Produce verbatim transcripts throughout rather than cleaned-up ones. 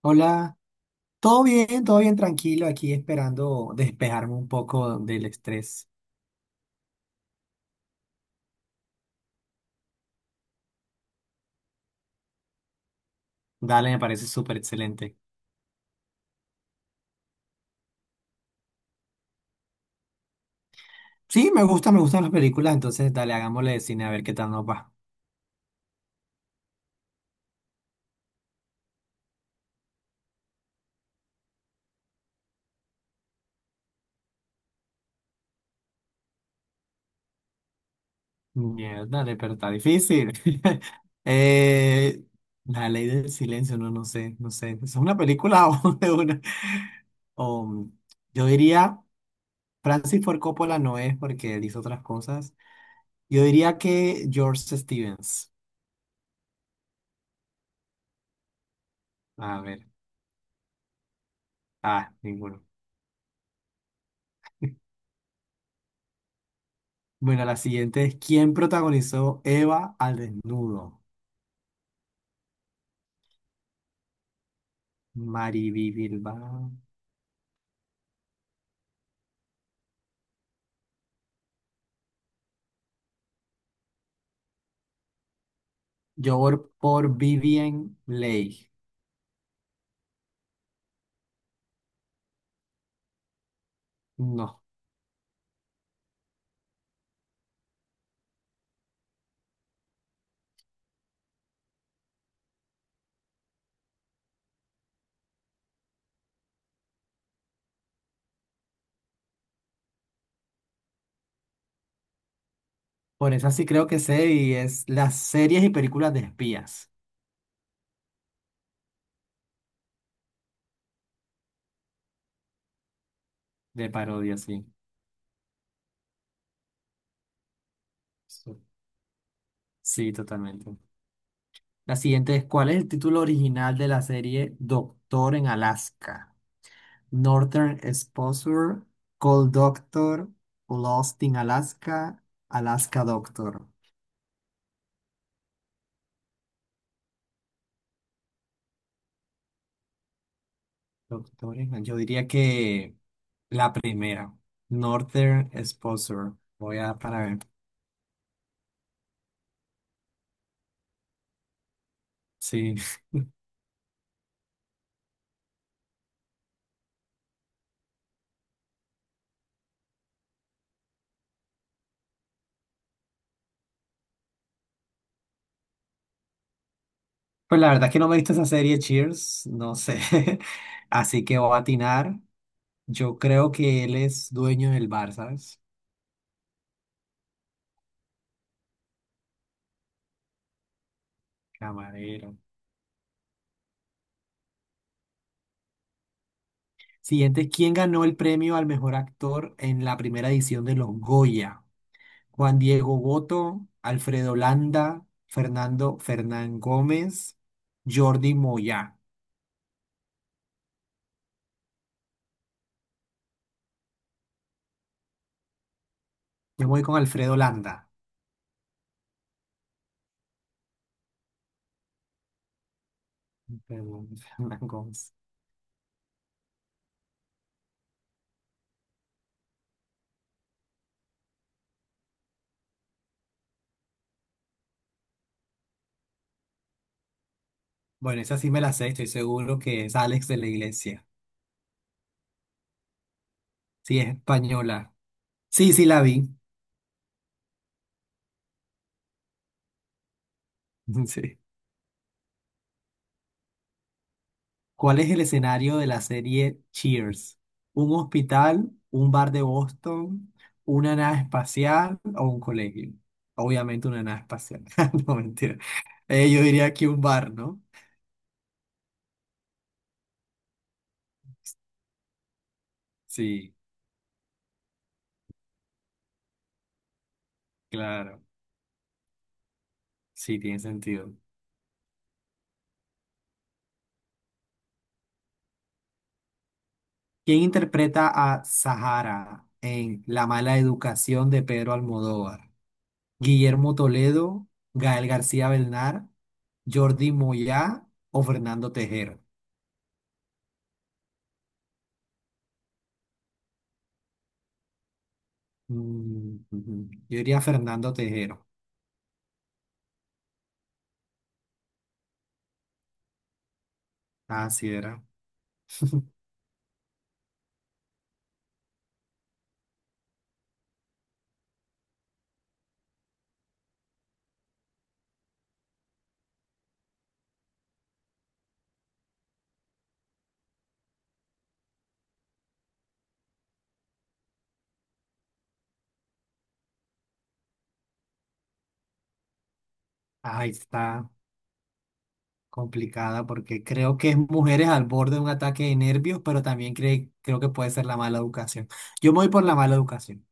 Hola, todo bien, todo bien, tranquilo, aquí esperando despejarme un poco del estrés. Dale, me parece súper excelente. Sí, me gusta, me gustan las películas, entonces dale, hagámosle de cine a ver qué tal nos va. Mierda, dale, pero está difícil. Eh, la ley del silencio, no, no sé, no sé. ¿Es una película o de una? Um, yo diría, Francis Ford Coppola no es porque él hizo otras cosas. Yo diría que George Stevens. A ver, ah, ninguno. Bueno, la siguiente es ¿quién protagonizó Eva al desnudo? Mariby Bilbao. Yo por, por Vivien Leigh. No, por esa sí creo que sé y es las series y películas de espías, de parodia, sí. Sí, sí, totalmente. La siguiente es ¿cuál es el título original de la serie Doctor en Alaska? Northern Exposure, Cold Doctor, Lost in Alaska, Alaska Doctor. Doctores, yo diría que la primera, Northern Exposure. Voy a para ver. Sí. Pues la verdad es que no me he visto esa serie Cheers, no sé. Así que voy a atinar. Yo creo que él es dueño del bar, ¿sabes? Camarero. Siguiente, ¿quién ganó el premio al mejor actor en la primera edición de los Goya? Juan Diego Boto, Alfredo Landa, Fernando Fernán Gómez, Jordi Moya. Yo me voy con Alfredo Landa. Fernanda Gómez. Bueno, esa sí me la sé, estoy seguro que es Alex de la Iglesia. Sí, es española. Sí, sí, la vi. Sí. ¿Cuál es el escenario de la serie Cheers? ¿Un hospital, un bar de Boston, una nave espacial o un colegio? Obviamente una nave espacial. No, mentira. Eh, yo diría que un bar, ¿no? Sí, claro. Sí, tiene sentido. ¿Quién interpreta a Sahara en La mala educación de Pedro Almodóvar? Guillermo Toledo, Gael García Belnar, Jordi Moyá o Fernando Tejero. Mm, ujú. Yo diría Fernando Tejero. Así era. Ah, ahí está complicada porque creo que es mujeres al borde de un ataque de nervios, pero también cre- creo que puede ser la mala educación. Yo me voy por la mala educación.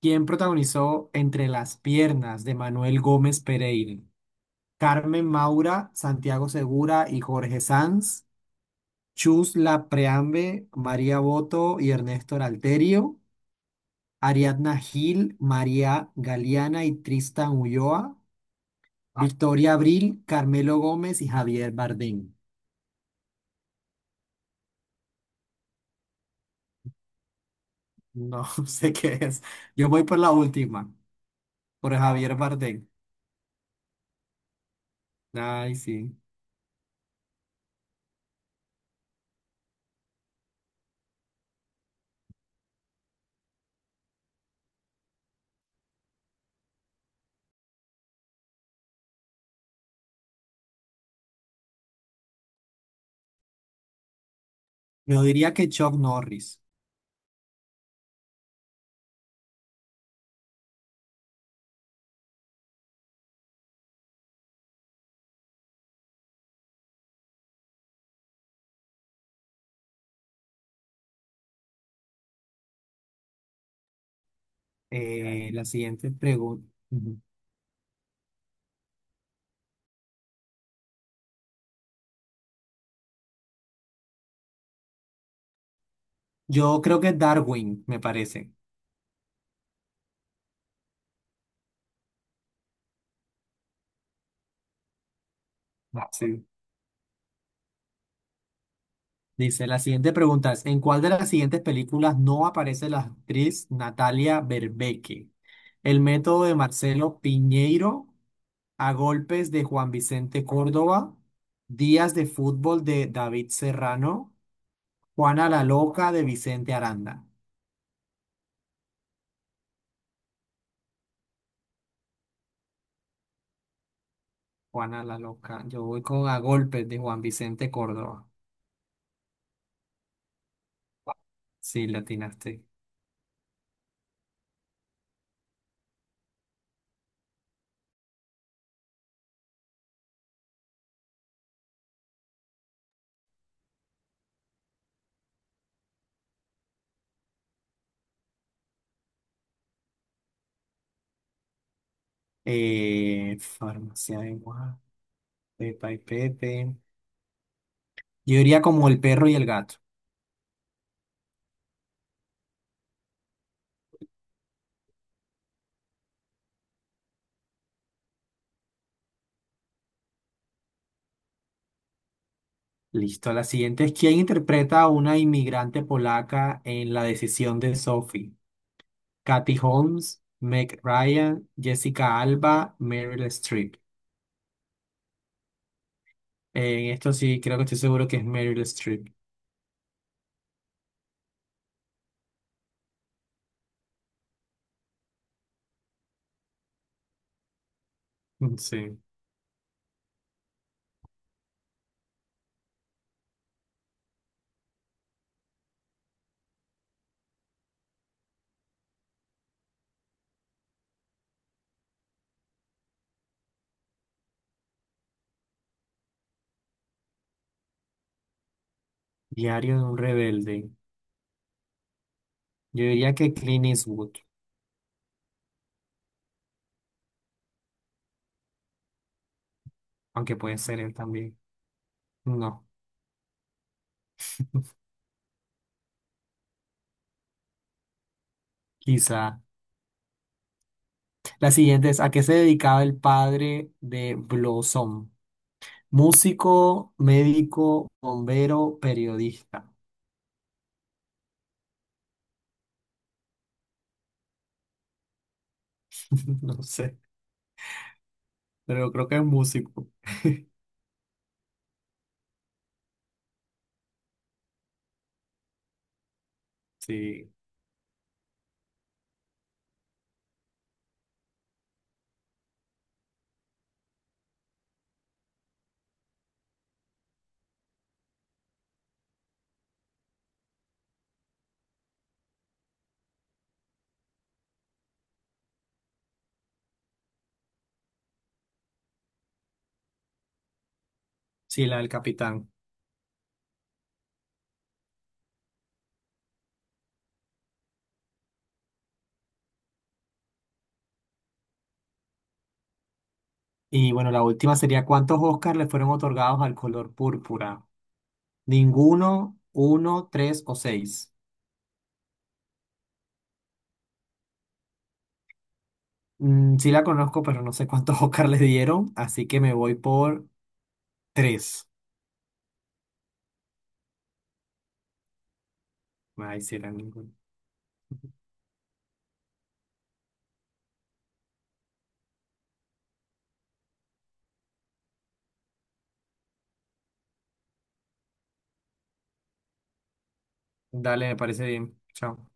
¿Quién protagonizó Entre las piernas de Manuel Gómez Pereira? Carmen Maura, Santiago Segura y Jorge Sanz. Chus Preambe, María Boto y Ernesto Alterio, Ariadna Gil, María Galeana y Tristan Ulloa, Victoria Abril, Carmelo Gómez y Javier Bardem. No sé qué es. Yo voy por la última, por Javier Bardem. Ay, sí. Yo diría que Chuck Norris. Eh, la siguiente pregunta. Yo creo que Darwin, me parece. Sí. Dice, la siguiente pregunta es, ¿en cuál de las siguientes películas no aparece la actriz Natalia Berbeque? El método de Marcelo Piñeiro, A golpes de Juan Vicente Córdoba, Días de fútbol de David Serrano, Juana la loca de Vicente Aranda. Juana la loca, yo voy con A golpes de Juan Vicente Córdoba. Sí, le atinaste. Eh, farmacia de Guadalupe, Pepa y Pepe. Yo iría como el perro y el gato. Listo, la siguiente es ¿quién interpreta a una inmigrante polaca en La decisión de Sophie? Katy Holmes, Meg Ryan, Jessica Alba, Meryl Streep. Eh, en esto sí, creo que estoy seguro que es Meryl Streep. Mm, sí. Diario de un rebelde. Yo diría que Clint Eastwood, aunque puede ser él también. No, quizá. La siguiente es ¿a qué se dedicaba el padre de Blossom? Músico, médico, bombero, periodista. No sé. Pero creo que es músico. Sí, sí, la del capitán. Y bueno, la última sería, ¿cuántos Oscars le fueron otorgados al color púrpura? Ninguno, uno, tres o seis. Mm, sí la conozco, pero no sé cuántos Oscars le dieron, así que me voy por tres. Ay, sí, era ninguno. Dale, me parece bien. Chao.